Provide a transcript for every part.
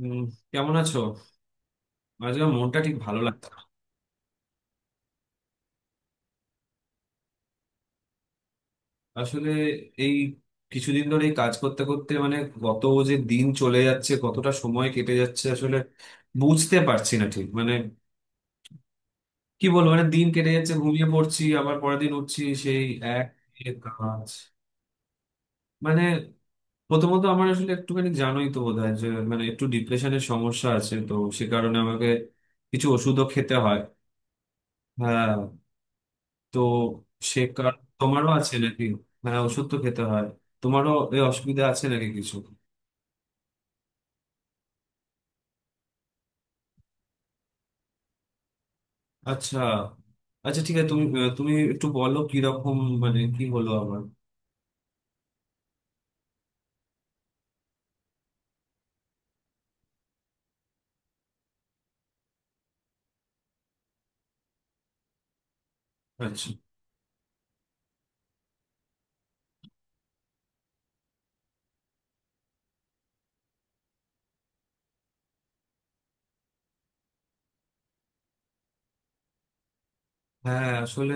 উম, কেমন আছো? আজকে আমার মনটা ঠিক ভালো লাগছে না। আসলে এই কিছুদিন ধরে এই কাজ করতে করতে মানে কত যে দিন চলে যাচ্ছে, কতটা সময় কেটে যাচ্ছে আসলে বুঝতে পারছি না ঠিক। মানে কি বলবো, মানে দিন কেটে যাচ্ছে, ঘুমিয়ে পড়ছি, আবার পরের দিন উঠছি সেই এক এ কাজ। মানে প্রথমত আমার আসলে একটুখানি জানোই তো বোধ হয় যে মানে একটু ডিপ্রেশনের সমস্যা আছে তো, সে কারণে আমাকে কিছু ওষুধও খেতে হয়। হ্যাঁ, তো তোমারও আছে নাকি? মানে ওষুধ তো খেতে হয়। তোমারও এই অসুবিধা আছে নাকি কিছু? আচ্ছা, আচ্ছা ঠিক আছে, তুমি তুমি একটু বলো কিরকম, মানে কি হলো আমার। আচ্ছা, হ্যাঁ আসলে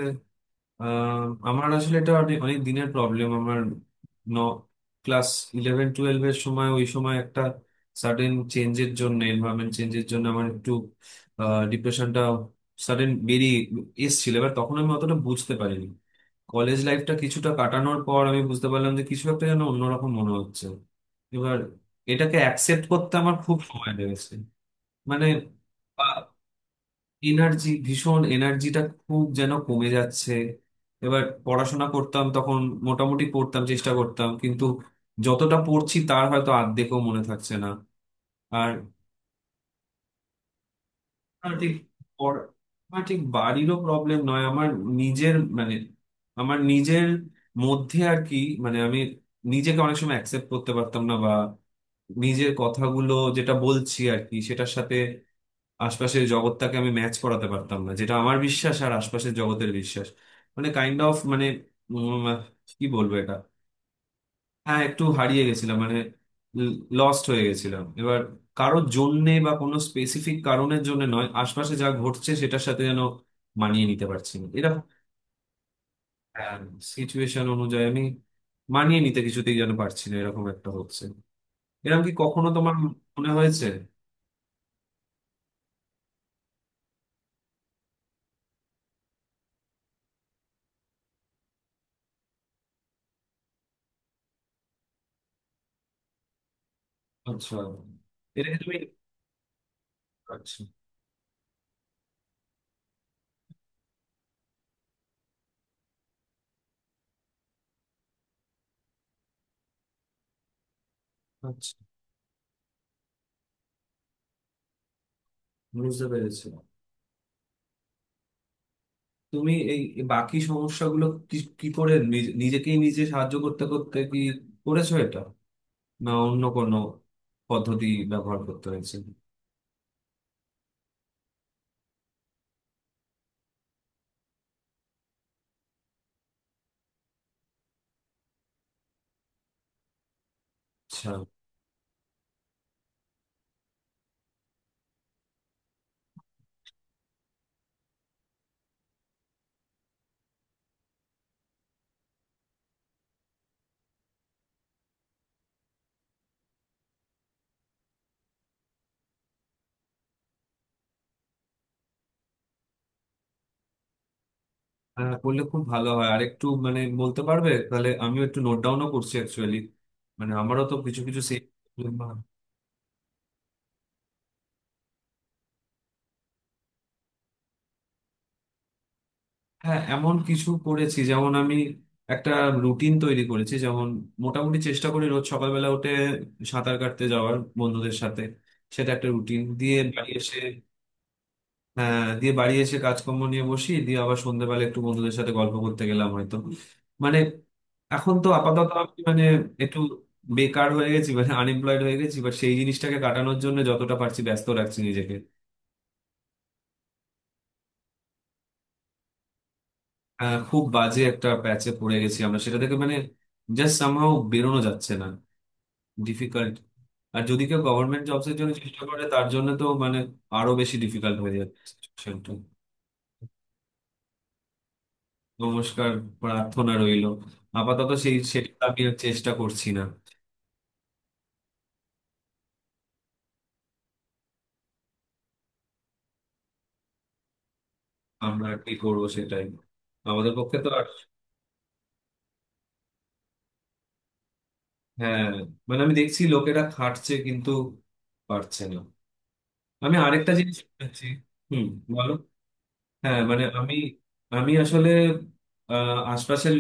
আহ, আমার আসলে এটা অনেক অনেক দিনের প্রবলেম আমার। ন ক্লাস ইলেভেন টুয়েলভ এর সময়, ওই সময় একটা সাডেন চেঞ্জের জন্য, এনভায়রনমেন্ট চেঞ্জের জন্য আমার একটু ডিপ্রেশনটা সাডেন বেরিয়ে এসেছিল। এবার তখন আমি অতটা বুঝতে পারিনি। কলেজ লাইফটা কিছুটা কাটানোর পর আমি বুঝতে পারলাম যে কিছু একটা যেন অন্যরকম মনে হচ্ছে। এবার এটাকে অ্যাকসেপ্ট করতে আমার খুব সময় লেগেছে। মানে এনার্জি, ভীষণ এনার্জিটা খুব যেন কমে যাচ্ছে। এবার পড়াশোনা করতাম তখন, মোটামুটি পড়তাম, চেষ্টা করতাম, কিন্তু যতটা পড়ছি তার হয়তো অর্ধেকও মনে থাকছে না। আর আমার ঠিক পর- আমার ঠিক বাড়িরও প্রবলেম নয়, আমার নিজের মানে, আমার নিজের মধ্যে আর কি। মানে আমি নিজেকে অনেক সময় অ্যাকসেপ্ট করতে পারতাম না, বা নিজের কথাগুলো যেটা বলছি আর কি সেটার সাথে আশপাশের জগৎটাকে আমি ম্যাচ করাতে পারতাম না, যেটা আমার বিশ্বাস আর আশপাশের জগতের বিশ্বাস মানে কাইন্ড অফ মানে উম, কি বলবো এটা। হ্যাঁ একটু হারিয়ে গেছিলাম, মানে লস্ট হয়ে গেছিলাম। এবার কারোর জন্যে বা কোনো স্পেসিফিক কারণের জন্য নয়, আশপাশে যা ঘটছে সেটার সাথে যেন মানিয়ে নিতে পারছি না এরকম। সিচুয়েশন অনুযায়ী আমি মানিয়ে নিতে কিছুতেই যেন পারছি না, এরকম একটা হচ্ছে। এরকম কি কখনো তোমার মনে হয়েছে? আচ্ছা, এটা কি তুমি। আচ্ছা, আচ্ছা বুঝতে পেরেছি। তুমি এই এই বাকি সমস্যাগুলো কি কি করে নিজেকেই নিজে সাহায্য করতে করতে কি করেছো এটা, না অন্য কোনো পদ্ধতি ব্যবহার করতে হয়েছে? আচ্ছা, হ্যাঁ করলে খুব ভালো হয়। আর একটু মানে বলতে পারবে তাহলে আমিও একটু নোট ডাউনও করছি অ্যাকচুয়ালি। মানে আমারও তো কিছু কিছু সেই। হ্যাঁ এমন কিছু করেছি যেমন আমি একটা রুটিন তৈরি করেছি, যেমন মোটামুটি চেষ্টা করি রোজ সকালবেলা উঠে সাঁতার কাটতে যাওয়ার বন্ধুদের সাথে, সেটা একটা রুটিন। দিয়ে বাড়ি এসে দিয়ে বাড়ি এসে কাজকর্ম নিয়ে বসি, দিয়ে আবার সন্ধ্যেবেলা একটু বন্ধুদের সাথে গল্প করতে গেলাম হয়তো। মানে এখন তো আপাতত আমি মানে একটু বেকার হয়ে গেছি, মানে আনএমপ্লয়েড হয়ে গেছি, বাট সেই জিনিসটাকে কাটানোর জন্য যতটা পারছি ব্যস্ত রাখছি নিজেকে। খুব বাজে একটা প্যাচে পড়ে গেছি আমরা, সেটা থেকে মানে জাস্ট সামহাও বেরোনো যাচ্ছে না, ডিফিকাল্ট। আর যদি কেউ গভর্নমেন্ট জবস এর জন্য চেষ্টা করে তার জন্য তো মানে আরো বেশি ডিফিকাল্ট হয়ে যাচ্ছে situation টা। নমস্কার, প্রার্থনা রইলো। আপাতত সেই সেটা আমি আর চেষ্টা করছি না। আমরা কি করবো সেটাই, আমাদের পক্ষে তো আর। হ্যাঁ, মানে আমি দেখছি লোকেরা খাটছে কিন্তু পারছে না। আমি আরেকটা জিনিস শুনেছি। হুম, বলো। হ্যাঁ মানে আমি, আমি আসলে আশপাশের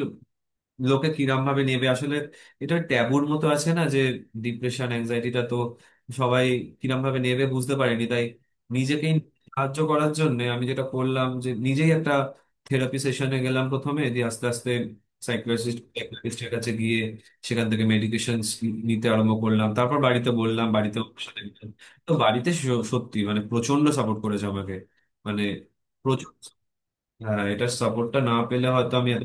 লোকে কিরম ভাবে নেবে আসলে, এটা ট্যাবুর মতো আছে না যে ডিপ্রেশন অ্যাংজাইটিটা তো সবাই কিরম ভাবে নেবে বুঝতে পারেনি, তাই নিজেকেই সাহায্য করার জন্য আমি যেটা করলাম যে নিজেই একটা থেরাপি সেশনে গেলাম প্রথমে। দিয়ে আস্তে আস্তে সাইকিয়াট্রিস্ট, সাইকিয়াট্রিস্টের কাছে গিয়ে সেখান থেকে মেডিকেশন নিতে আরম্ভ করলাম, তারপর বাড়িতে বললাম, বাড়িতে ওর সাথে গেলাম। তো বাড়িতে সত্যি মানে প্রচন্ড সাপোর্ট করেছে আমাকে, মানে প্রচুর। হ্যাঁ এটার সাপোর্টটা না পেলে হয়তো আমি এত।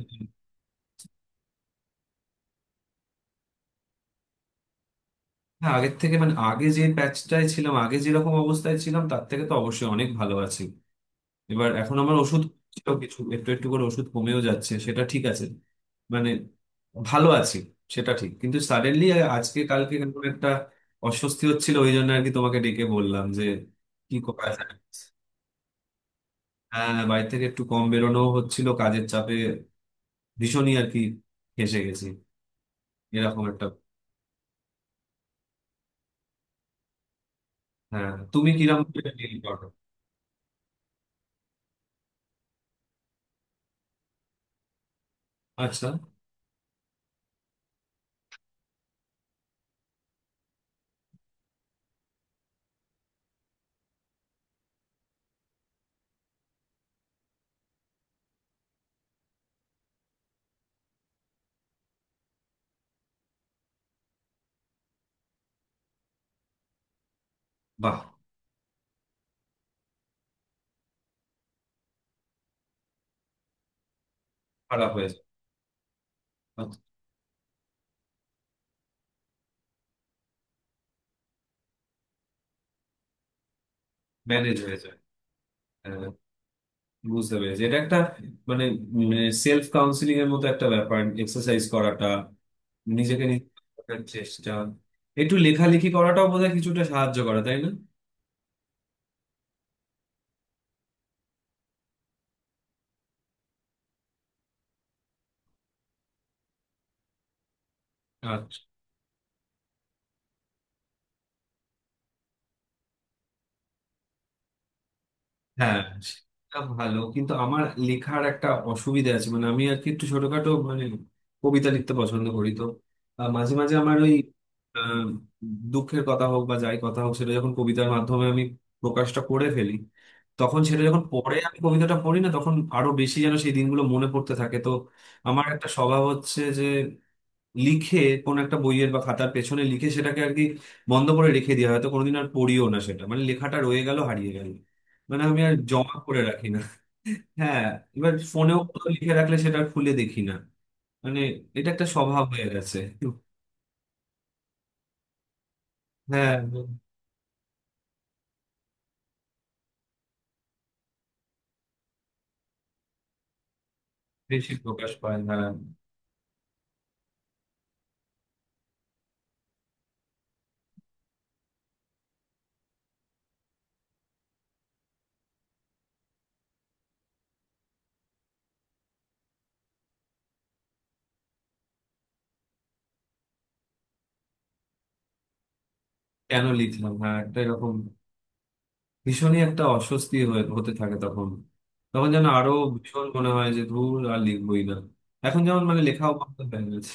না আগের থেকে মানে আগে যে প্যাচটায় ছিলাম, আগে যেরকম অবস্থায় ছিলাম তার থেকে তো অবশ্যই অনেক ভালো আছি। এবার এখন আমার ওষুধ ছিল কিছু, একটু একটু করে ওষুধ কমেও যাচ্ছে, সেটা ঠিক আছে। মানে ভালো আছি সেটা ঠিক, কিন্তু সাডেনলি আজকে কালকে কেমন একটা অস্বস্তি হচ্ছিল, ওই জন্য আর কি তোমাকে ডেকে বললাম যে কি করা যায়। হ্যাঁ বাড়ি থেকে একটু কম বেরোনো হচ্ছিল কাজের চাপে, ভীষণই আর কি, ফেঁসে গেছি এরকম একটা। হ্যাঁ তুমি কিরকম করে deal করো? আচ্ছা, বাহ। খারাপ হয়েছে। ম্যানেজ হয়ে যায়। হ্যাঁ, বুঝতে পেরেছি। এটা একটা মানে সেলফ কাউন্সিলিং এর মতো একটা ব্যাপার, এক্সারসাইজ করাটা, নিজেকে নিজে চেষ্টা। একটু লেখালেখি করাটাও বোধহয় কিছুটা সাহায্য করে তাই না? হ্যাঁ সেটা ভালো, কিন্তু আমার লেখার একটা অসুবিধা আছে, মানে আমি আর কি একটু ছোটখাটো মানে কবিতা লিখতে পছন্দ করি তো। মাঝে মাঝে আমার ওই আহ, দুঃখের কথা হোক বা যাই কথা হোক, সেটা যখন কবিতার মাধ্যমে আমি প্রকাশটা করে ফেলি, তখন সেটা, যখন পরে আমি কবিতাটা পড়ি না তখন আরো বেশি যেন সেই দিনগুলো মনে পড়তে থাকে তো। আমার একটা স্বভাব হচ্ছে যে লিখে কোন একটা বইয়ের বা খাতার পেছনে লিখে সেটাকে আর কি বন্ধ করে রেখে দেওয়া, হয়তো কোনোদিন আর পড়িও না সেটা, মানে লেখাটা রয়ে গেল, হারিয়ে গেল। মানে আমি আর জমা করে রাখি না। হ্যাঁ, এবার ফোনেও কোথাও লিখে রাখলে সেটা আর খুলে দেখি না, মানে এটা একটা স্বভাব হয়ে গেছে। হ্যাঁ বেশি প্রকাশ পায় না। কেন লিখলাম, হ্যাঁ একটা এরকম ভীষণই একটা অস্বস্তি হয়ে হতে থাকে তখন, তখন যেন আরো ভীষণ মনে হয় যে ধুর আর লিখবই না। এখন যেমন মানে লেখাও বন্ধ হয়ে গেছে।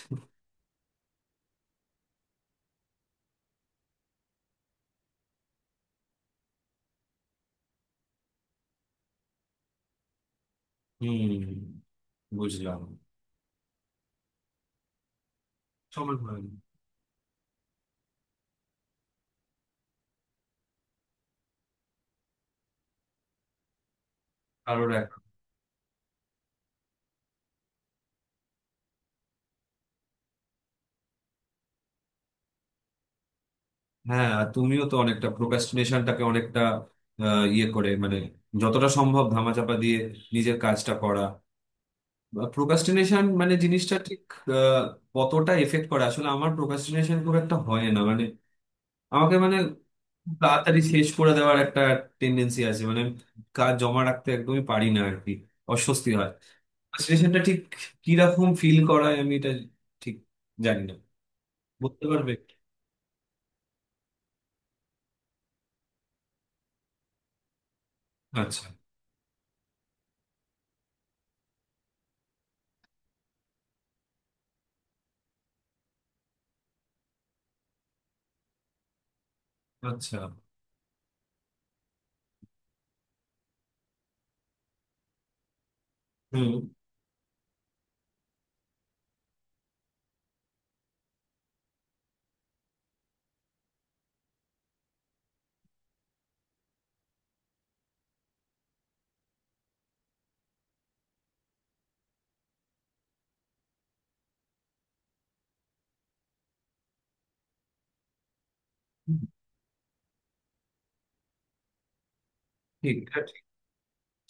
হম, বুঝলাম। সময় হয় না। কারোর এক। হ্যাঁ আর তুমিও তো অনেকটা প্রোক্রাস্টিনেশনটাকে অনেকটা ইয়ে করে, মানে যতটা সম্ভব ধামাচাপা দিয়ে নিজের কাজটা করা। প্রোক্রাস্টিনেশন মানে জিনিসটা ঠিক আহ, কতটা এফেক্ট করে আসলে, আমার প্রোক্রাস্টিনেশন খুব একটা হয় না, মানে আমাকে মানে খুব তাড়াতাড়ি শেষ করে দেওয়ার একটা টেন্ডেন্সি আছে, মানে আমি কাজ জমা রাখতে একদমই পারি না আর কি, অস্বস্তি হয়। প্রোক্রাস্টিনেশনটা ঠিক কিরকম ফিল করায় আমি এটা ঠিক জানি না, বলতে পারবে? আচ্ছা, আচ্ছা। হুম। ঠিক, এটা ঠিক।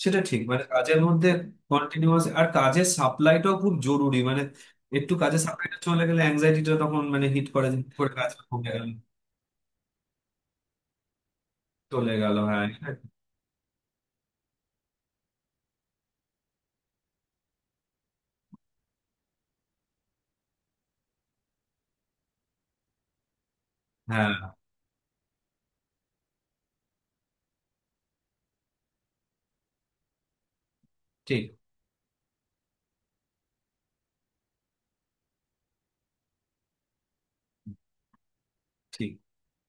সেটা ঠিক, মানে কাজের মধ্যে কন্টিনিউয়াস। আর কাজের সাপ্লাইটাও খুব জরুরি, মানে একটু কাজের সাপ্লাইটা চলে গেলে অ্যাংজাইটিটা তখন মানে হিট করে যে, করে কাজ কমে গেল, চলে গেল হ্যাঁ। হ্যাঁ, ঠিক, ঠিক।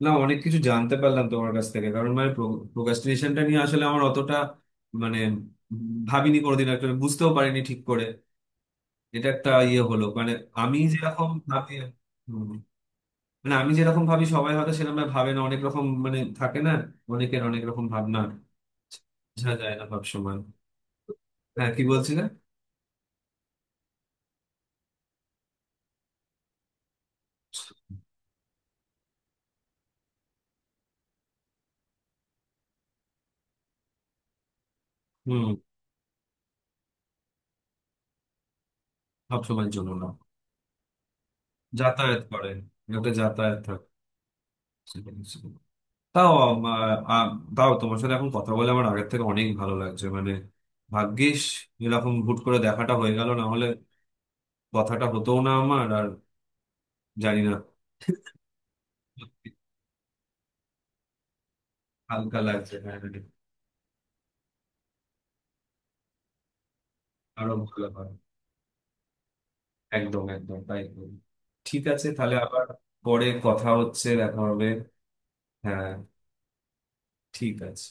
না অনেক কিছু জানতে পারলাম তোমার কাছ থেকে, কারণ মানে প্রোক্রাস্টিনেশনটা নিয়ে আসলে আমার অতটা মানে ভাবিনি কোনোদিন, একটা বুঝতেও পারিনি ঠিক করে। এটা একটা ইয়ে হলো, মানে আমি যেরকম ভাবি। মানে আমি যেরকম ভাবি সবাই হয়তো সেরকম ভাবে না, অনেক রকম মানে থাকে না, অনেকের অনেক রকম ভাবনা, বোঝা যায় না সব সময়। হ্যাঁ কি বলছিলেন? হম। সবসময়ের জন্য না। যাতায়াত করে, একটা যাতায়াত থাকে। তাও আ, তাও তোমার সাথে এখন কথা বলে আমার আগের থেকে অনেক ভালো লাগছে, মানে ভাগ্যিস এরকম হুট করে দেখাটা হয়ে গেল, না হলে কথাটা হতো না আমার আর, জানি না। হালকা লাগছে, হ্যাঁ। আরো ভালো হয়। একদম, একদম তাই করবো। ঠিক আছে, তাহলে আবার পরে কথা হচ্ছে, দেখা হবে। হ্যাঁ ঠিক আছে।